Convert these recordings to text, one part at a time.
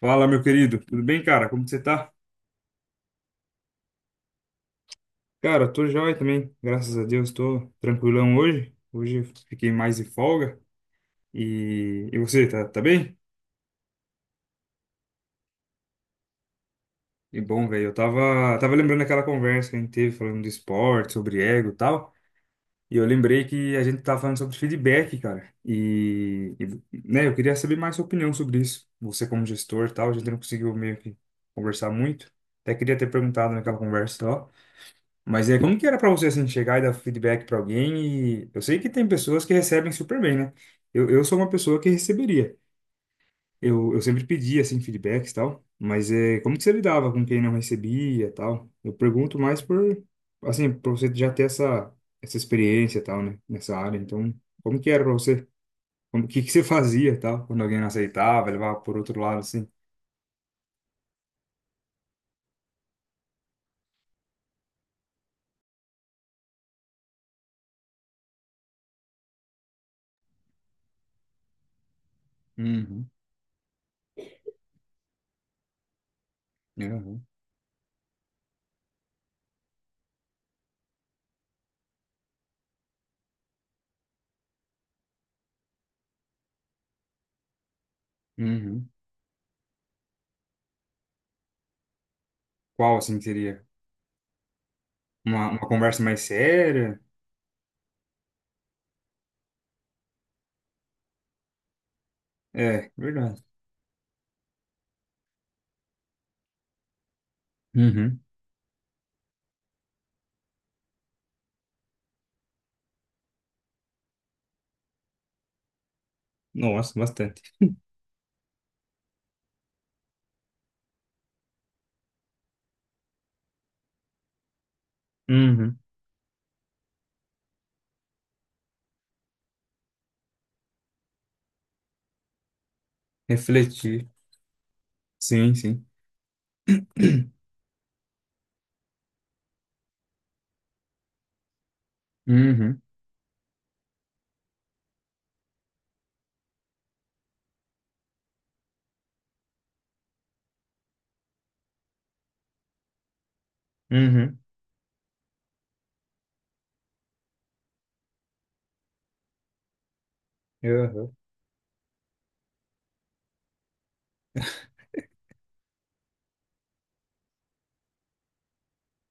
Fala, meu querido. Tudo bem, cara? Como que você tá? Cara, tô jóia também. Graças a Deus, tô tranquilão hoje. Hoje eu fiquei mais de folga. E você, tá bem? E bom, velho, eu tava lembrando daquela conversa que a gente teve falando de esporte, sobre ego e tal. E eu lembrei que a gente tava falando sobre feedback, cara. E, né, eu queria saber mais sua opinião sobre isso. Você como gestor e tal, a gente não conseguiu meio que conversar muito. Até queria ter perguntado naquela conversa, ó. Mas é como que era pra você assim chegar e dar feedback pra alguém, e eu sei que tem pessoas que recebem super bem, né? Eu sou uma pessoa que receberia. Eu sempre pedia assim feedbacks e tal, mas é como que você lidava com quem não recebia, e tal? Eu pergunto mais por assim, para você já ter essa experiência e tal, né, nessa área. Então, como que era pra você? Como que você fazia, e tal, quando alguém não aceitava, levava por outro lado assim? Uhum, uhum, uhum. Qual assim que seria? Uma conversa mais séria? É, verdade. Uhum. Nossa, bastante. Uhum. Refletir. Sim, sim. Uhum. Uhum. Uhum.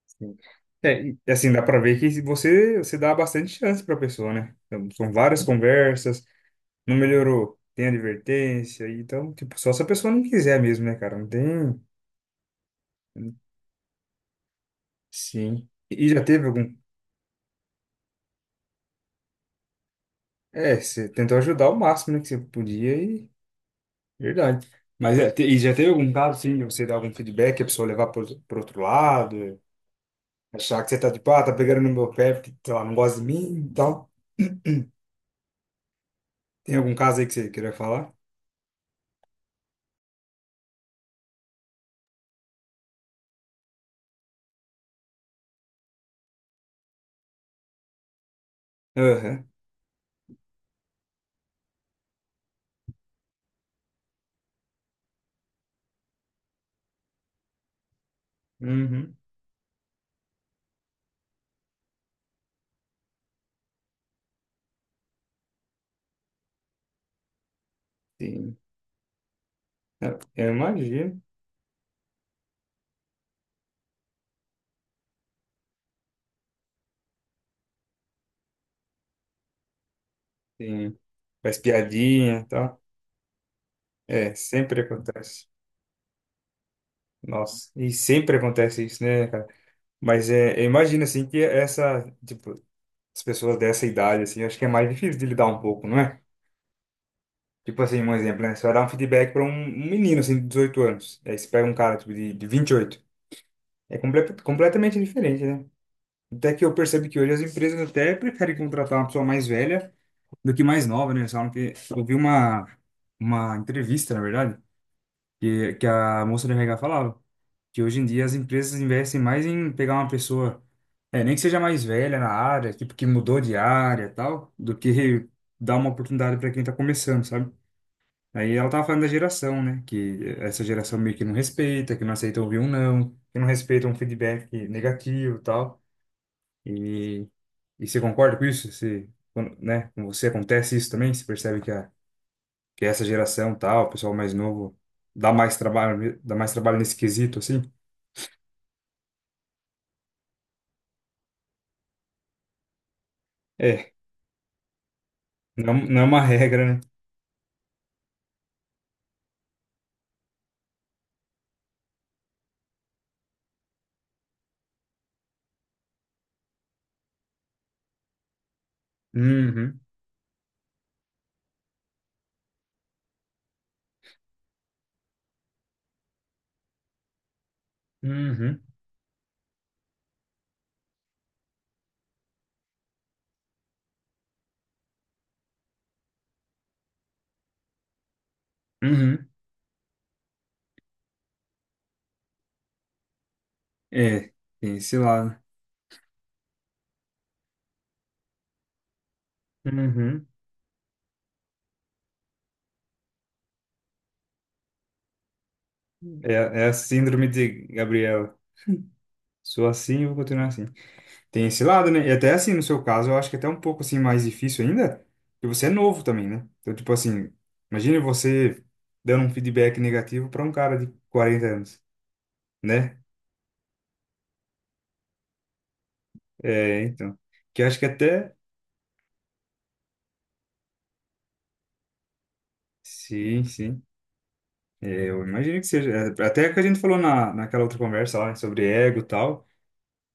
Sim. É, e, assim, dá pra ver que você dá bastante chance pra pessoa, né? Então, são várias conversas, não melhorou, tem advertência, e então, tipo, só se a pessoa não quiser mesmo, né, cara? Não tem. Sim. E já teve algum. É, você tentou ajudar o máximo, né, que você podia e. Verdade. Mas é, e já teve algum caso, sim, de você dar algum feedback, a pessoa levar pro outro lado? Achar que você tá tipo, ah, tá pegando no meu pé porque, sei lá, não gosta de mim e tal. Tem algum caso aí que você queria falar? Aham. Uhum. Sim. Eu imagino. Sim. Faz piadinha e tal. É, sempre acontece. Nossa. E sempre acontece isso, né, cara? Mas é, eu imagino, assim, que essa, tipo, as pessoas dessa idade, assim, eu acho que é mais difícil de lidar um pouco, não é? Tipo assim, um exemplo, né? Você vai dar um feedback para um menino, assim, de 18 anos. Aí você pega um cara, tipo, de 28. É completamente diferente, né? Até que eu percebo que hoje as empresas até preferem contratar uma pessoa mais velha do que mais nova, né? Eles falam que eu vi uma entrevista, na verdade, que a moça do RH falava que hoje em dia as empresas investem mais em pegar uma pessoa, é, nem que seja mais velha na área, tipo, que mudou de área e tal, do que dar uma oportunidade para quem tá começando, sabe? Aí ela tava falando da geração, né? Que essa geração meio que não respeita, que não aceita ouvir um não, que não respeita um feedback negativo e tal. E, e você concorda com isso? Você, né, com você acontece isso também? Você percebe que, que essa geração tal, o pessoal mais novo, dá mais trabalho nesse quesito, assim? É, não é uma regra, né? Uhum, uhum, uhum. É, tem esse lado. Uhum. É, é a síndrome de Gabriela. Sou assim e vou continuar assim. Tem esse lado, né? E até assim, no seu caso, eu acho que é até um pouco assim mais difícil ainda, porque você é novo também, né? Então, tipo assim, imagine você dando um feedback negativo para um cara de 40 anos, né? É, então, que eu acho que até sim, sim. É, eu imagino que seja. É, até que a gente falou na naquela outra conversa lá, né, sobre ego e tal,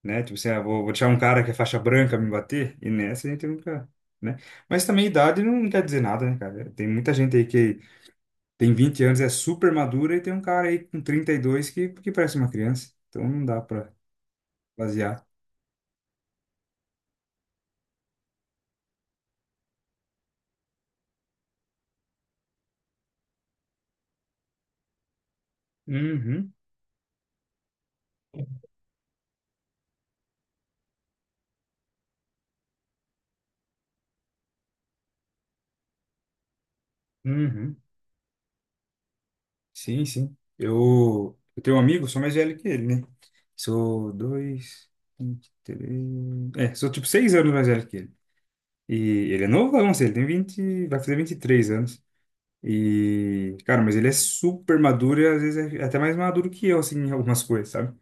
né? Tipo assim, ah, vou deixar um cara que é faixa branca me bater, e nessa a gente nunca, né? Mas também idade não quer dizer nada, né, cara? Tem muita gente aí. Tem 20 anos, é super madura e tem um cara aí com 32 que parece uma criança. Então não dá pra basear. Uhum, uhum. Sim, sim. Eu tenho um amigo, sou mais velho que ele, né? Sou dois, 23. É, sou tipo 6 anos mais velho que ele. E ele é novão, assim, ele tem 20, vai fazer 23 anos. E, cara, mas ele é super maduro e às vezes é até mais maduro que eu, assim, em algumas coisas, sabe?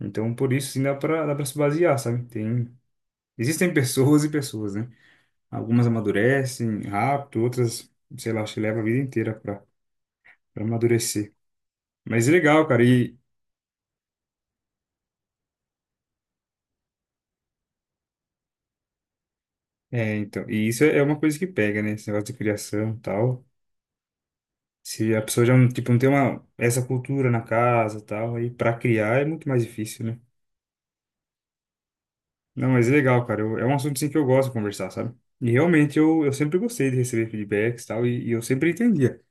Então, por isso, assim, dá pra se basear, sabe? Tem. Existem pessoas e pessoas, né? Algumas amadurecem rápido, outras, sei lá, acho que leva a vida inteira para amadurecer. Mas é legal, cara. E, é, então, e isso é uma coisa que pega, né? Esse negócio de criação e tal. Se a pessoa já não, tipo, não tem uma, essa cultura na casa e tal, aí para criar é muito mais difícil, né? Não, mas é legal, cara. É um assunto assim, que eu gosto de conversar, sabe? E realmente eu sempre gostei de receber feedbacks e tal, e eu sempre entendia.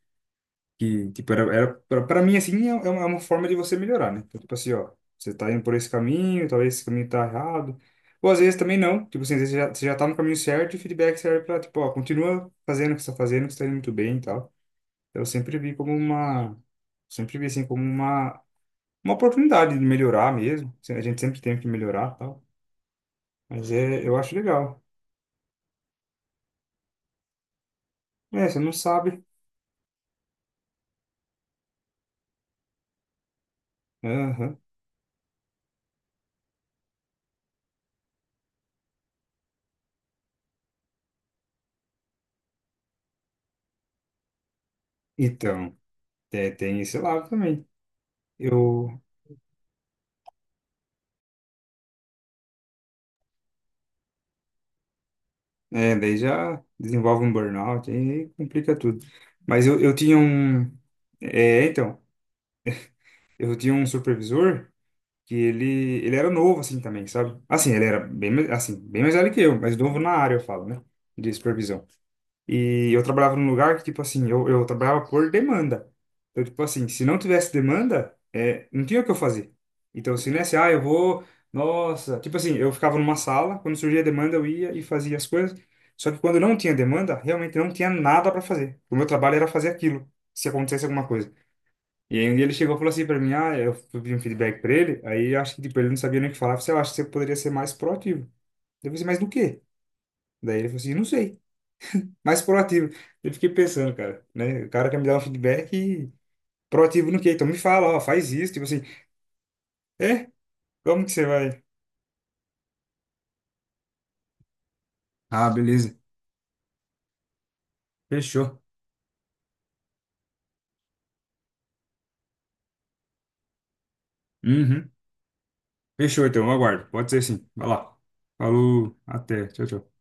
Que, tipo, pra mim, assim, é uma, é uma forma de você melhorar, né? Então, tipo assim, ó, você tá indo por esse caminho, talvez esse caminho tá errado. Ou às vezes também não. Tipo assim, às vezes você já tá no caminho certo e o feedback serve pra, tipo, ó, continua fazendo o que você tá fazendo, que você tá indo muito bem e tal. Então, eu sempre vi como uma... Sempre vi, assim, como uma oportunidade de melhorar mesmo. Assim, a gente sempre tem que melhorar e tal. Mas é, eu acho legal. É, você não sabe. Aham. Então, é, tem esse lado também. Eu... É, daí já desenvolve um burnout, aí complica tudo. Mas eu tinha um. É, então, eu tinha um supervisor que ele era novo, assim, também, sabe? Assim, ele era bem, assim, bem mais velho que eu, mas novo na área, eu falo, né? De supervisão. E eu trabalhava num lugar que, tipo assim, eu trabalhava por demanda. Então, tipo assim, se não tivesse demanda, é, não tinha o que eu fazer. Então, se não é assim, ah, eu vou, nossa. Tipo assim, eu ficava numa sala, quando surgia demanda, eu ia e fazia as coisas. Só que quando não tinha demanda, realmente não tinha nada para fazer. O meu trabalho era fazer aquilo, se acontecesse alguma coisa. E aí um dia ele chegou e falou assim para mim, ah, eu pedi um feedback para ele, aí eu acho que tipo, ele não sabia nem o que falar, eu falei, "Ah, eu acho que você poderia ser mais proativo." Eu falei, assim, mas do quê? Daí ele falou assim, não sei, mais proativo. Eu fiquei pensando, cara, né? O cara quer me dar um feedback e proativo no quê? Então me fala, ó, faz isso. Tipo assim, é? Como que você vai? Ah, beleza. Fechou. Uhum. Fechou, então, eu aguardo. Pode ser, sim. Vai lá. Falou, até. Tchau, tchau.